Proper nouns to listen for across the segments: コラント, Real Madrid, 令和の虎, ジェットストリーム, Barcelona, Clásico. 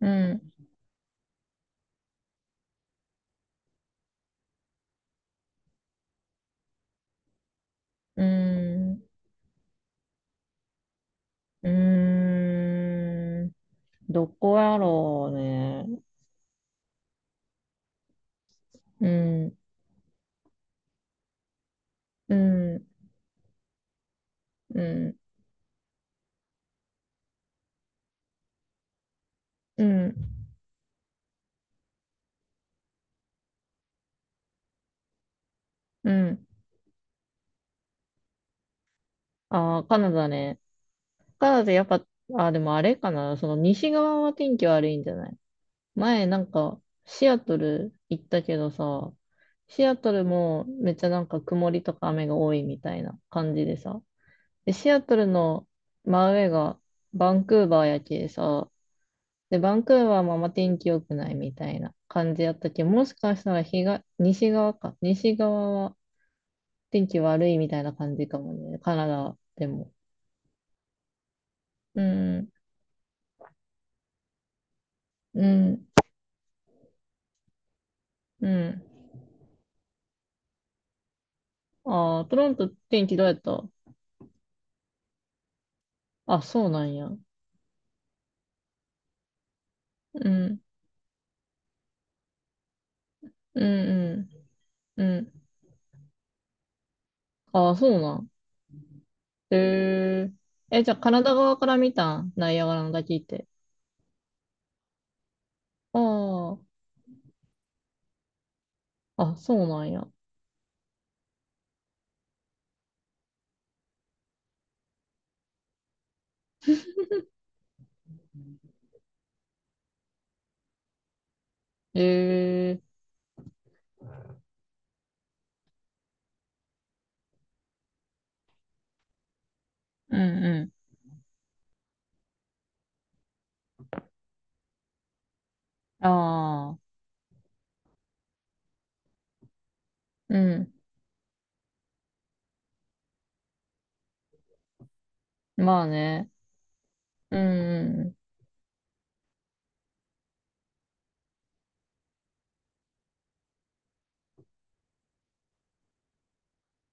うん、うん、うーん、どこやろうね。うん、うん、うん、うん、うん。ああ、カナダね。カナダやっぱ、あ、でもあれかな。その西側は天気悪いんじゃない？前なんか、シアトル行ったけどさ、シアトルもめっちゃなんか曇りとか雨が多いみたいな感じでさ。で、シアトルの真上がバンクーバーやけさ、で、バンクーバーもあんま天気良くないみたいな感じやったけど、もしかしたら日が西側か。西側は天気悪いみたいな感じかもね。カナダでも。うん、うん、うん。ああ、トロント天気どうやった？あ、そうなんや。うん、うん、うん、うん。ああ、そうなん。へえ。え、じゃあカナダ側から見たん？ナイアガラの滝って。ああ、あ、そうなんや。へえ。うん、うん。ああ、うん。まあね。うん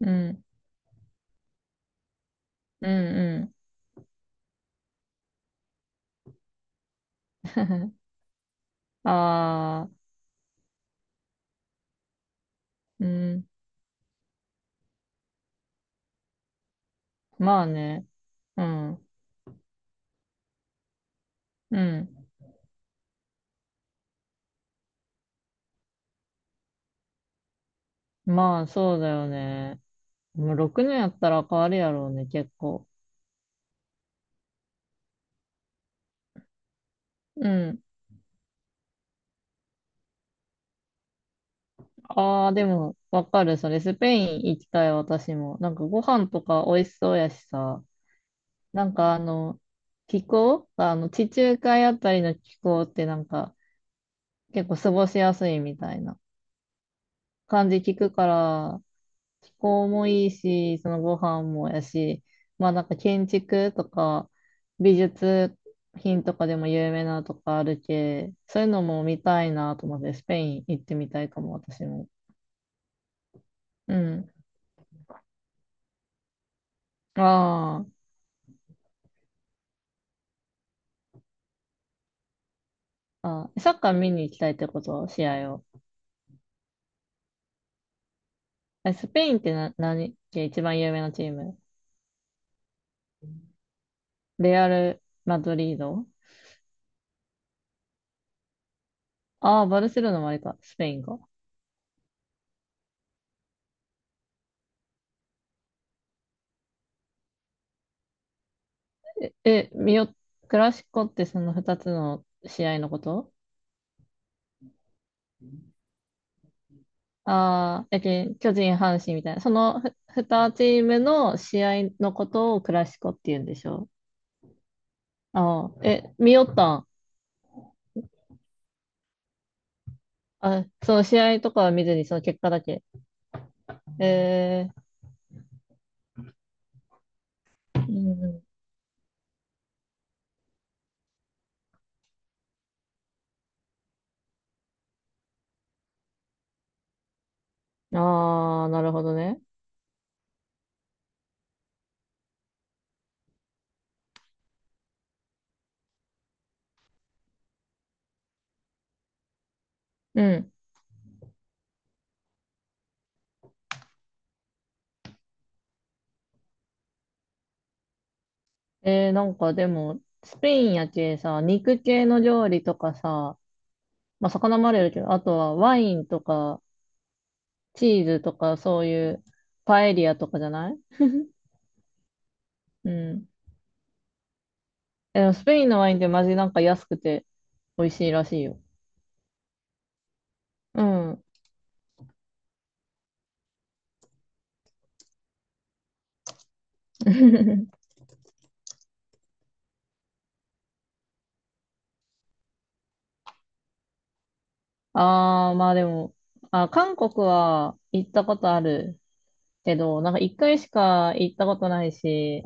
うんうん。うんうん。ああ、うん。まあね。うん。うん。まあ、そうだよね。もう6年やったら変わるやろうね、結構。うん。ああ、でも、わかる。それ、スペイン行きたい、私も。なんか、ご飯とか美味しそうやしさ。なんか、あの、気候あの、地中海あたりの気候ってなんか、結構過ごしやすいみたいな感じ聞くから、気候もいいし、そのご飯もやし、まあなんか建築とか美術品とかでも有名なとかあるけ、そういうのも見たいなと思って、スペイン行ってみたいかも、私も。うん。ああ、あ、サッカー見に行きたいってこと？試合を。え、スペインってな、何け一番有名なチーム？レアル・マドリード。ああ、バルセロナもあれか、スペインか。え、見よ、クラシコってその2つの試合のこと？ああ、やけん、巨人、阪神みたいな。そのふ2チームの試合のことをクラシコって言うんでしょ？ああ、え、見よったん？あ、その試合とかは見ずにその結果だけ。えー、うん。ああ、なるほどね。うん。えー、なんかでも、スペインやけさ、肉系の料理とかさ、まあ魚もあるやろけど、あとはワインとか、チーズとか、そういうパエリアとかじゃない？うん。でもスペインのワインってマジなんか安くて美味しいらしいよ。うん。ああ、まあでも、あ、韓国は行ったことあるけど、なんか一回しか行ったことないし、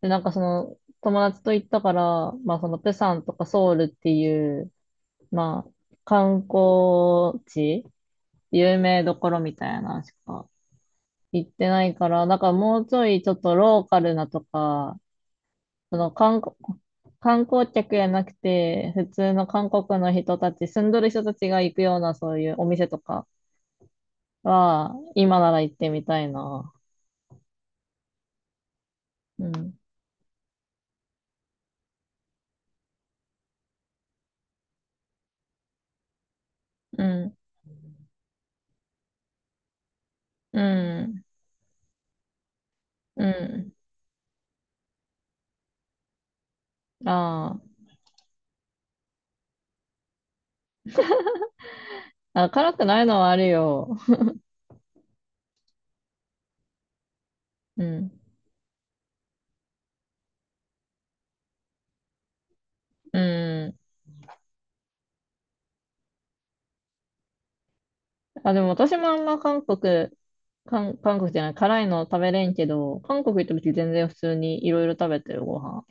で、なんかその友達と行ったから、まあそのプサンとかソウルっていう、まあ観光地、有名どころみたいなのしか行ってないから、なんかもうちょいちょっとローカルなとか、その観光、観光客やなくて、普通の韓国の人たち、住んどる人たちが行くようなそういうお店とかは、今なら行ってみたいな。うん。うん。うん。うん。ああ。あ、辛くないのはあるよ。うん。うん。あ、でも私もあんま韓国、韓、韓国じゃない、辛いの食べれんけど、韓国行った時全然普通にいろいろ食べてるご飯。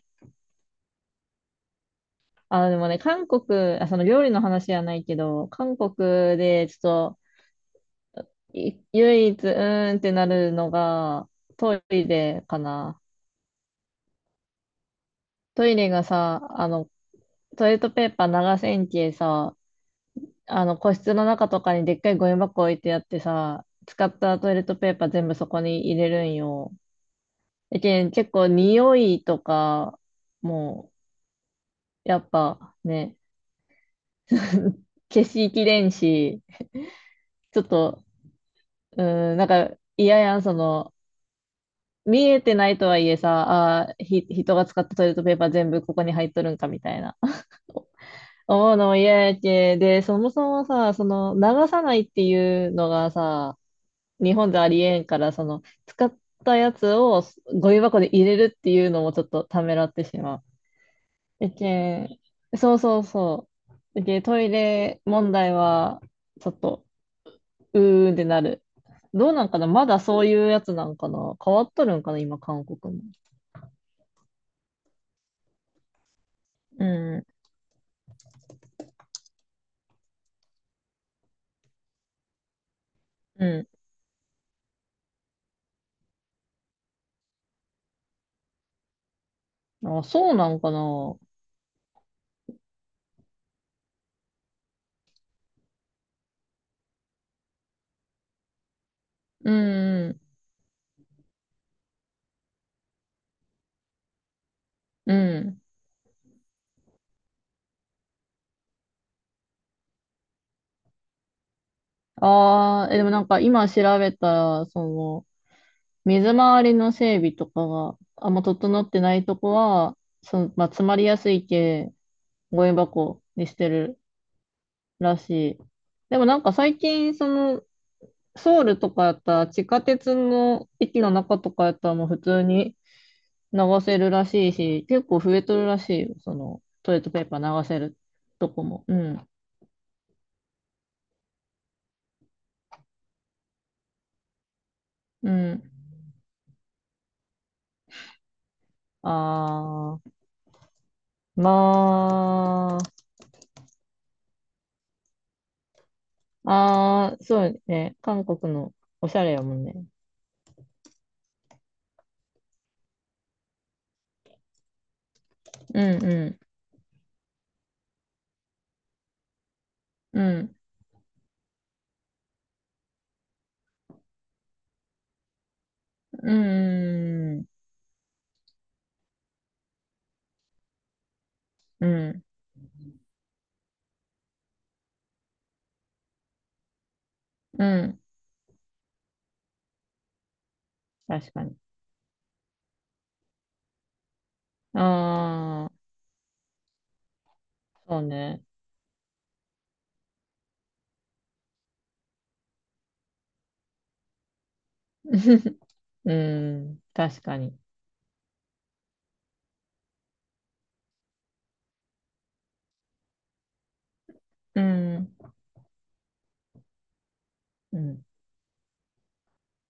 あ、でもね、韓国、あ、その料理の話じゃないけど、韓国でちょっと、い唯一、うーんってなるのが、トイレかな。トイレがさ、あの、トイレットペーパー長千切さ、あの、個室の中とかにでっかいゴミ箱置いてあってさ、使ったトイレットペーパー全部そこに入れるんよ。だけん結構匂いとか、もう、やっぱね、消しきれんし、ちょっと、うーん、なんか嫌やん、その、見えてないとはいえさ、あーひ、人が使ったトイレットペーパー全部ここに入っとるんかみたいな。思うのも嫌やけ。で、そもそもさ、その流さないっていうのがさ、日本でありえんから、その使ったやつをゴミ箱で入れるっていうのもちょっとためらってしまう。やけん、そうそうそう。やけん、トイレ問題はちょっと、うーんってなる。どうなんかなまだそういうやつなんかな変わっとるんかな今、韓国も。うん。うん。あ、そうなんかな。うん、うん。ああ、え、でもなんか今調べたら、その、水回りの整備とかがあんま整ってないとこは、その、まあ、詰まりやすい系、ゴミ箱にしてるらしい。でもなんか最近、その、ソウルとかやったら、地下鉄の駅の中とかやったらもう普通に流せるらしいし、結構増えとるらしいよ、その、トイレットペーパー流せるとこも。うん、うん。ああ。まあ、ああ、そうね。韓国のおしゃれやもんね。うんうん。うん。うん。うん。うん。確かに。ああ、そうね。うん。確かに。うん。うん。